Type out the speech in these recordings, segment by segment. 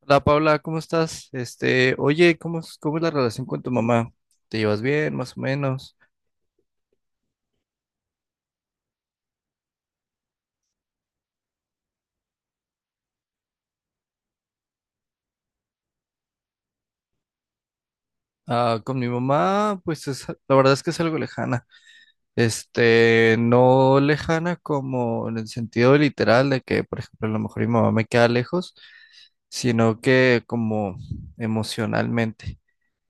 Hola Paula, ¿cómo estás? Oye, ¿cómo es la relación con tu mamá? ¿Te llevas bien, más o menos? Ah, con mi mamá, pues la verdad es que es algo lejana. No lejana como en el sentido literal de que, por ejemplo, a lo mejor mi mamá me queda lejos, sino que como emocionalmente.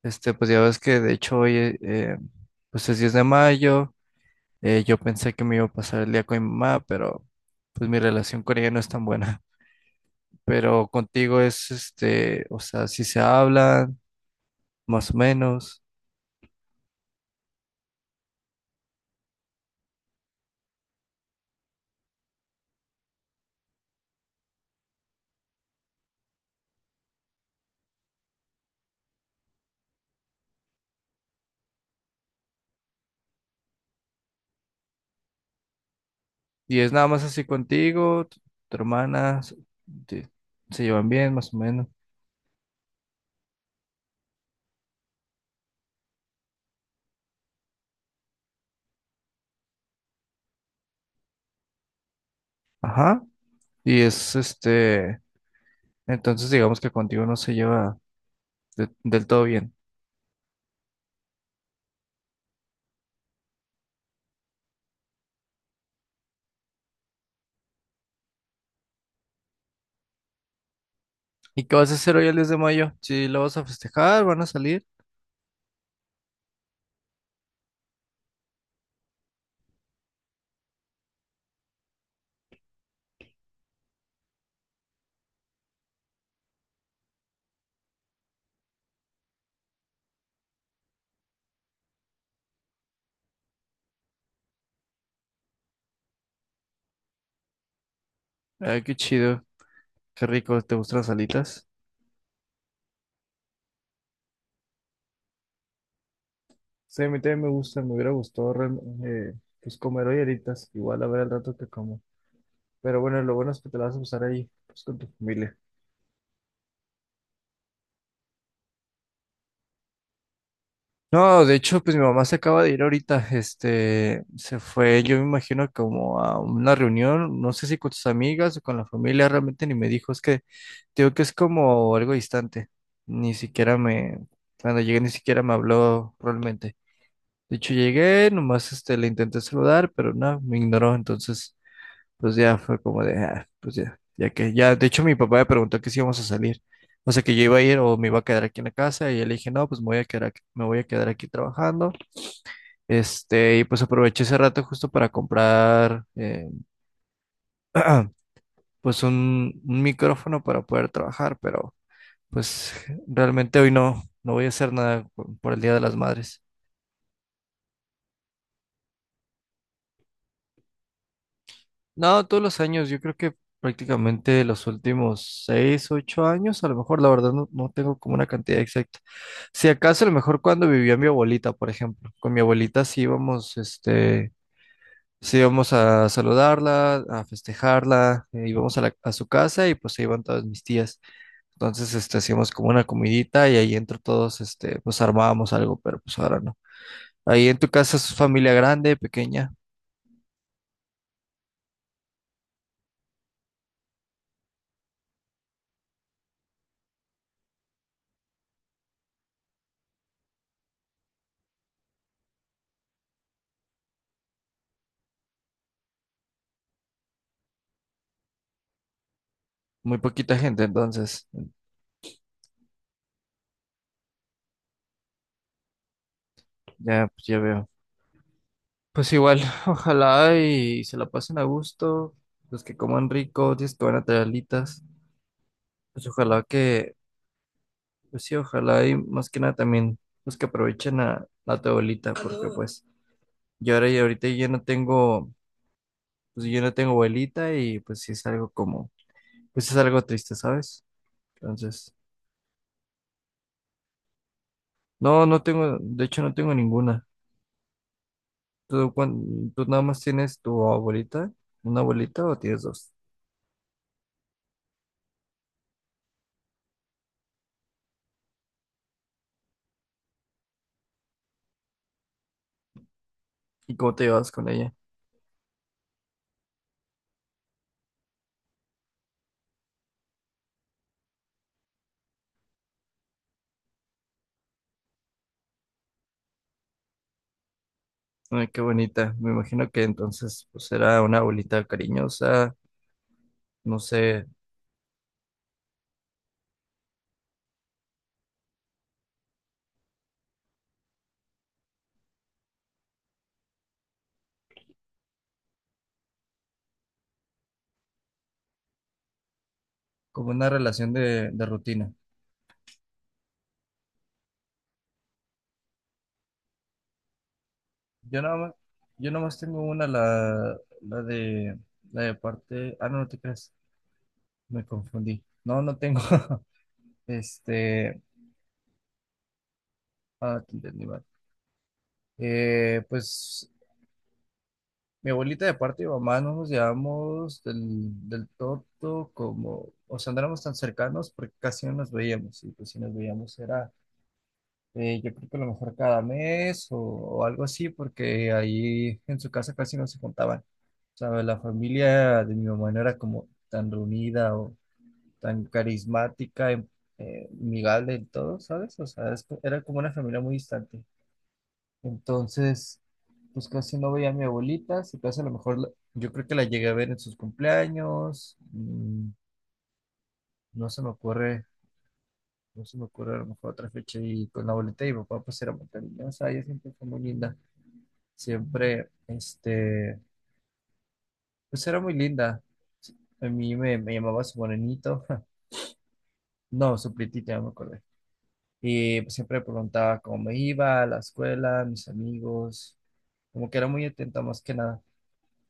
Pues ya ves que de hecho hoy, pues es 10 de mayo. Yo pensé que me iba a pasar el día con mi mamá, pero pues mi relación con ella no es tan buena. Pero contigo es o sea, si se hablan, más o menos, y es nada más así contigo, tu hermana, te- se llevan bien, más o menos. Ajá, y entonces digamos que contigo no se lleva del todo bien. ¿Y qué vas a hacer hoy el 10 de mayo? ¿Si lo vas a festejar, van a salir? Ay, qué chido, qué rico, ¿te gustan las alitas? Sí, a mí también me gusta, me hubiera gustado eh, pues comer hoy alitas, igual a ver el rato que como. Pero bueno, lo bueno es que te la vas a pasar ahí, pues, con tu familia. No, de hecho, pues mi mamá se acaba de ir ahorita, se fue, yo me imagino como a una reunión, no sé si con sus amigas o con la familia, realmente ni me dijo, es que te digo que es como algo distante, ni siquiera me, cuando llegué ni siquiera me habló realmente. De hecho, llegué, nomás, le intenté saludar, pero no, me ignoró. Entonces, pues ya fue como de, ah, pues ya, ya que, ya, de hecho mi papá me preguntó que si íbamos a salir, o sea que yo iba a ir o me iba a quedar aquí en la casa, y yo le dije, no, pues me voy a quedar aquí, me voy a quedar aquí trabajando. Y pues aproveché ese rato justo para comprar, pues un micrófono para poder trabajar, pero pues realmente hoy no voy a hacer nada por el Día de las Madres. No, todos los años, yo creo que prácticamente los últimos 6, 8 años, a lo mejor, la verdad no tengo como una cantidad exacta. Si acaso, a lo mejor cuando vivía mi abuelita, por ejemplo, con mi abuelita sí íbamos a saludarla, a festejarla, íbamos a su casa y pues se iban todas mis tías. Entonces, hacíamos como una comidita y ahí entre todos, pues armábamos algo, pero pues ahora no. Ahí en tu casa es familia grande, pequeña, muy poquita gente, entonces, ya, pues ya veo. Pues igual, ojalá y se la pasen a gusto, los que coman rico, los que van a traer alitas, pues ojalá que, pues sí, ojalá y más que nada también los que aprovechen a tu abuelita, porque pues yo ahora y ahorita yo no tengo, pues yo no tengo abuelita y pues sí es algo como, pues es algo triste, ¿sabes? Entonces, no, no tengo, de hecho no tengo ninguna. ¿Tú nada más tienes tu abuelita, una abuelita o tienes dos? ¿Y cómo te llevas con ella? Ay, qué bonita. Me imagino que entonces pues era una abuelita cariñosa, no sé, como una relación de rutina. Yo nada más, yo nada más tengo la de la de parte. Ah, no, no te creas. Me confundí. No, no tengo. Este. Ah, te entendí mal. Pues mi abuelita de parte de mamá no nos llevamos del todo como, o sea, no éramos tan cercanos porque casi no nos veíamos. Y pues si nos veíamos era, yo creo que a lo mejor cada mes o algo así, porque ahí en su casa casi no se juntaban. O sea, la familia de mi mamá no era como tan reunida o tan carismática, amigable del todo, ¿sabes? O sea, era como una familia muy distante. Entonces, pues casi no veía a mi abuelita, si acaso a lo mejor yo creo que la llegué a ver en sus cumpleaños, no se me ocurre, no se me ocurre a lo mejor otra fecha. Y con la abuelita y mi papá pues era muy cariñosa, ella siempre fue muy linda. Siempre, pues era muy linda. A mí me llamaba su bonenito. No, su prietita, ya me acordé. Y pues, siempre preguntaba cómo me iba, a la escuela, mis amigos. Como que era muy atenta más que nada.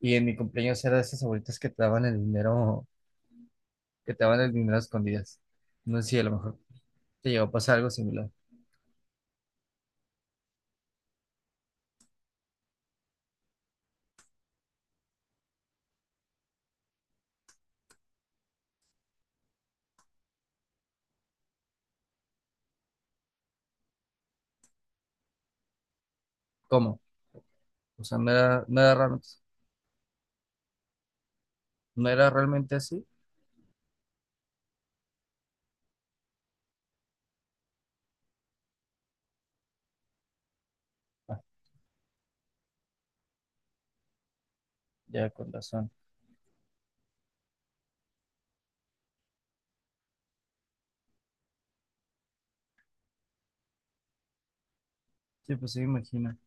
Y en mi cumpleaños era de esas abuelitas que te daban el dinero, que te daban el dinero a escondidas. No sé si a lo mejor te llegó a pasar algo similar. ¿Cómo? O sea, no era realmente así. Ah, ya con razón. Sí, pues sí, me imagino.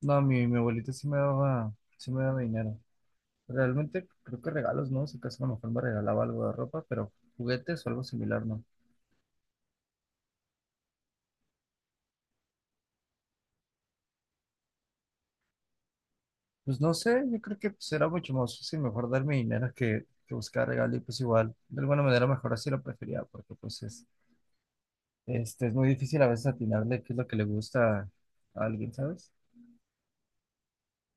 No, mi abuelita sí me daba dinero. Realmente creo que regalos, ¿no? Si acaso a lo mejor me regalaba algo de ropa, pero juguetes o algo similar, ¿no? Pues no sé, yo creo que pues, era mucho más fácil mejor darme dinero que buscar regalo y pues igual, de alguna manera mejor así lo prefería, porque pues es muy difícil a veces atinarle qué es lo que le gusta a alguien, ¿sabes?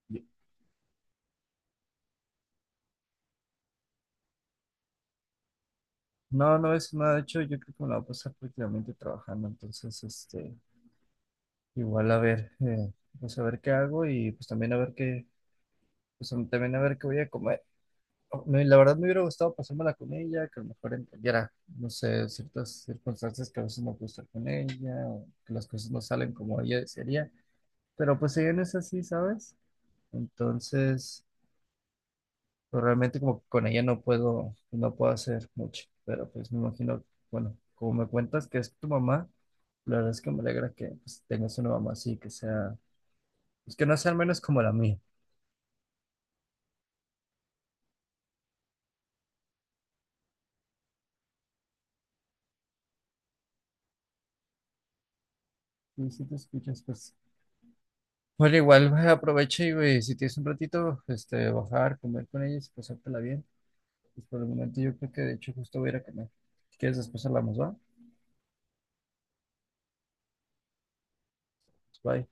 Yo- No, no es nada, de hecho yo creo que me la voy a pasar prácticamente trabajando. Entonces, igual a ver, pues a ver qué hago y pues también a ver también a ver qué voy a comer. Oh, la verdad me hubiera gustado pasármela con ella, que a lo mejor entendiera, no sé, ciertas circunstancias que a veces no puedo estar con ella, o que las cosas no salen como ella desearía. Pero pues ella no es así, ¿sabes? Entonces, pues realmente como que con ella no puedo hacer mucho. Pero pues me imagino, bueno, como me cuentas que es tu mamá, la verdad es que me alegra que pues, tengas una mamá así, que sea, pues que no sea al menos como la mía. Y si te escuchas, pues. Bueno, igual aprovecha y güey, si tienes un ratito, bajar, comer con ellos y pasártela bien. Pues por el momento yo creo que de hecho justo voy a ir a comer. Si quieres después hablamos, ¿va? Bye.